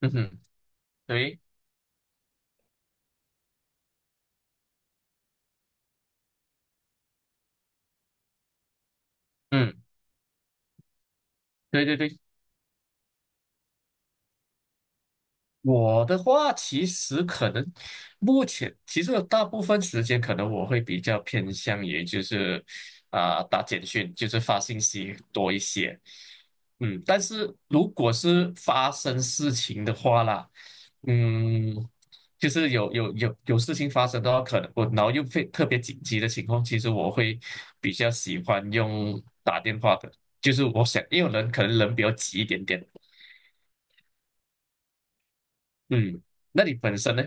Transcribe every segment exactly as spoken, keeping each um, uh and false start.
嗯哼。对。嗯。对对对，我的话其实可能目前其实大部分时间可能我会比较偏向于就是啊、打简讯，就是发信息多一些。嗯，但是如果是发生事情的话啦，嗯，就是有有有有事情发生的话，可能我然后又非特别紧急的情况，其实我会比较喜欢用打电话的，就是我想，因为人可能人比较急一点点。嗯，那你本身呢？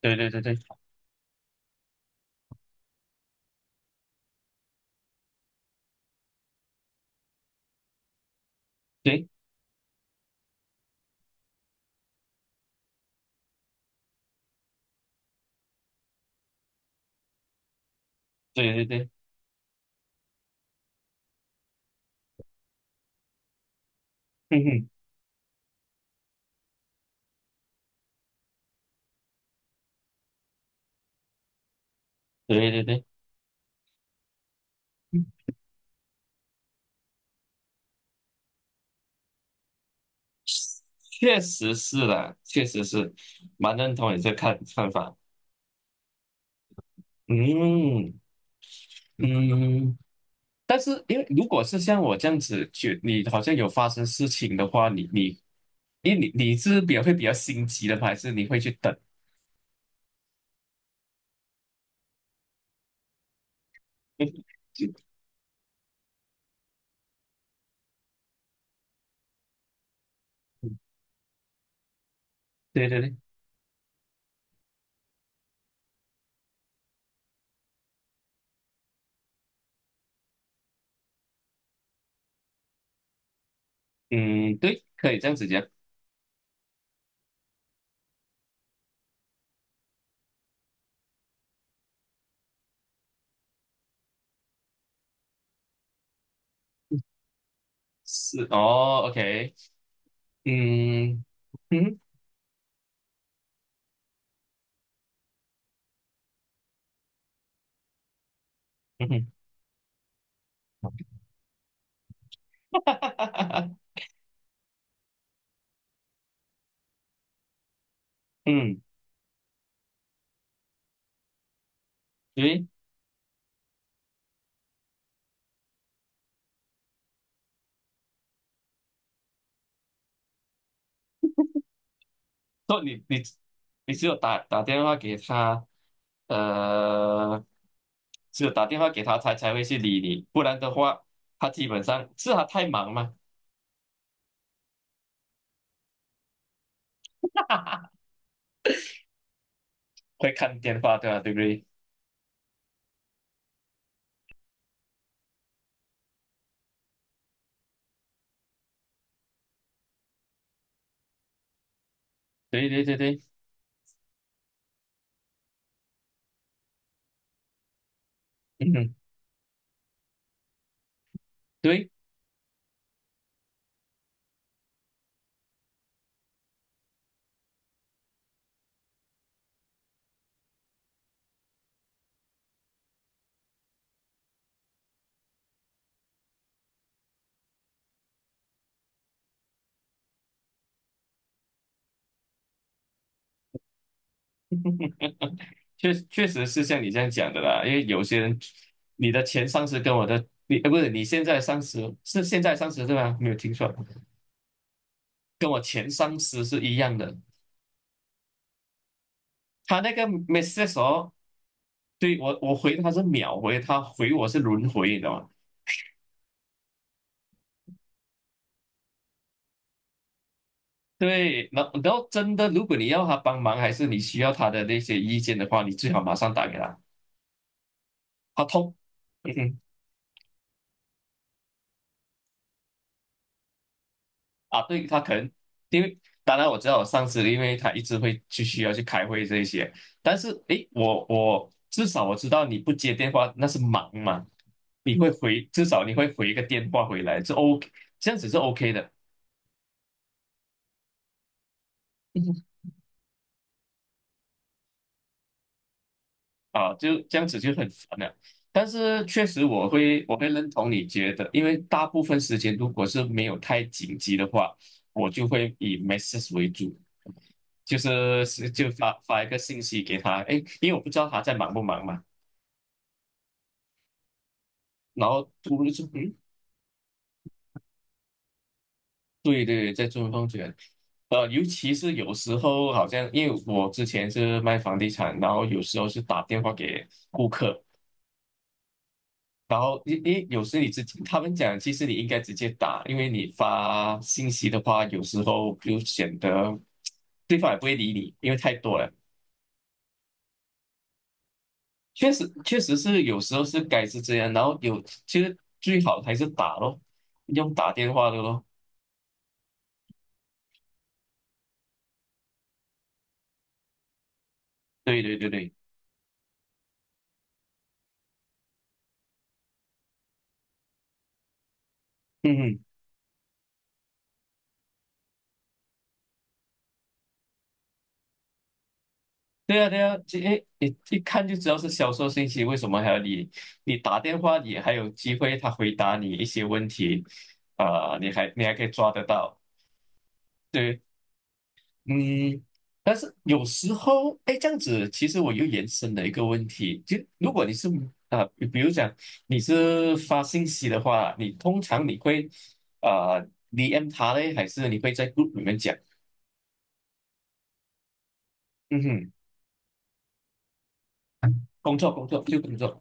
对对对对对对对对。嗯哼。对对对。嗯，确实是啦，确实是。蛮认同你这看看法。嗯嗯，但是因为如果是像我这样子去，你好像有发生事情的话，你你，因为你你是比较会比较心急的吗还是你会去等？就对对对。嗯，对，可以这样子讲。是哦，OK。嗯嗯嗯。嗯，因为说你你你只有打打电话给他，呃，只有打电话给他，他才会去理你，不然的话，他基本上是他太忙嘛。会看电话对吧？对不对？对对对对。嗯。对，确确实是像你这样讲的啦，因为有些人，你的前上司跟我的你，呃，不是你现在上司是现在上司对吧？没有听错，跟我前上司是一样的，他那个 m e s s e 哦。对，我我回他是秒回，他回我是轮回，你知道吗？对，然后然后真的，如果你要他帮忙，还是你需要他的那些意见的话，你最好马上打给他。他通，嗯哼。啊，对，他可能，因为当然我知道我上次因为他一直会去需要去开会这一些，但是诶，我我至少我知道你不接电话那是忙嘛，你会回，至少你会回一个电话回来，这 OK，这样子是 OK 的。啊，就这样子就很烦了。但是确实我会我会认同你觉得，因为大部分时间如果是没有太紧急的话，我就会以 message 为主，就是是就发发一个信息给他，哎，因为我不知道他在忙不忙嘛。然后突然就嗯，对对，在中风卷。呃，尤其是有时候好像因为我之前是卖房地产，然后有时候是打电话给顾客，然后因因有时你自己，他们讲其实你应该直接打，因为你发信息的话，有时候就显得对方也不会理你，因为太多了。确实，确实是有时候是该是这样，然后有其实最好还是打咯，用打电话的咯。对对对对。嗯。嗯，对啊对啊，这诶你一看就知道是销售信息，为什么还要理你，打电话，你还有机会他回答你一些问题，啊、你还你还可以抓得到。对。嗯，但是有时候，哎，这样子，其实我又延伸了一个问题，就如果你是啊、比比如讲你是发信息的话，你通常你会啊、呃 D M 他嘞，还是你会在 group 里面讲？嗯哼。工作，工作就工作，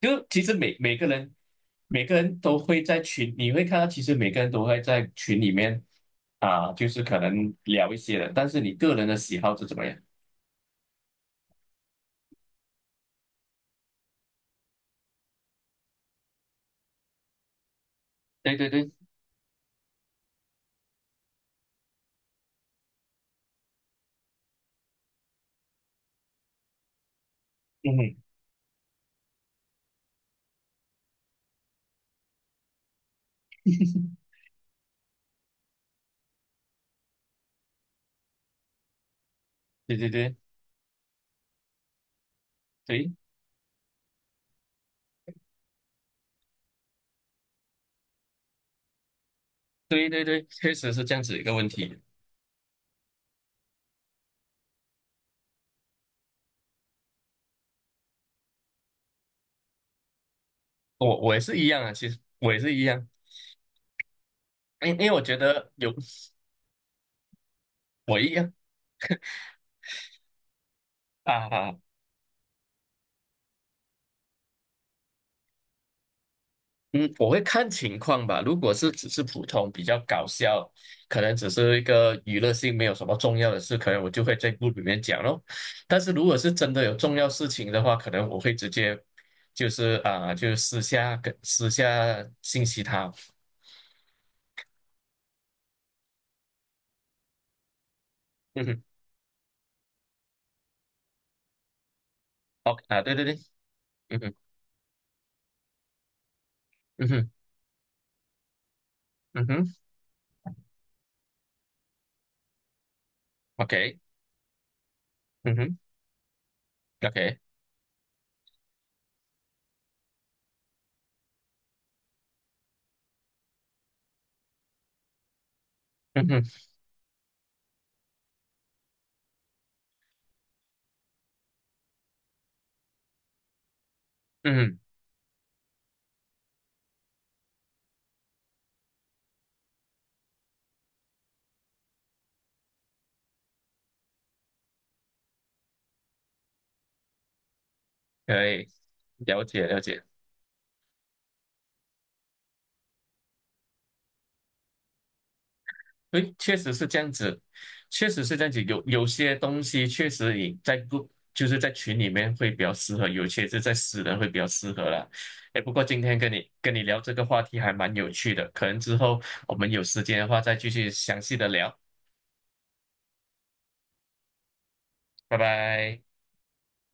就其实每每个人每个人都会在群，你会看到，其实每个人都会在群里面啊、就是可能聊一些的，但是你个人的喜好是怎么样？对对对。嗯哼。对对对对。对对对，确实是这样子一个问题。我我也是一样啊，其实我也是一样，因因为我觉得有我一样啊。嗯，我会看情况吧。如果是只是普通比较搞笑，可能只是一个娱乐性，没有什么重要的事，可能我就会在 group 里面讲咯。但是如果是真的有重要事情的话，可能我会直接就是啊，就私下跟私下信息他。嗯哼，OK 啊，对对对。嗯哼。嗯哼。嗯哼，OK。嗯哼，OK。嗯哼。嗯哼，可以，了解了解。对，确实是这样子，确实是这样子。有有些东西确实你在 g 就是在群里面会比较适合，有些是在私人会比较适合啦。哎，不过今天跟你跟你聊这个话题还蛮有趣的，可能之后我们有时间的话再继续详细的聊。拜拜。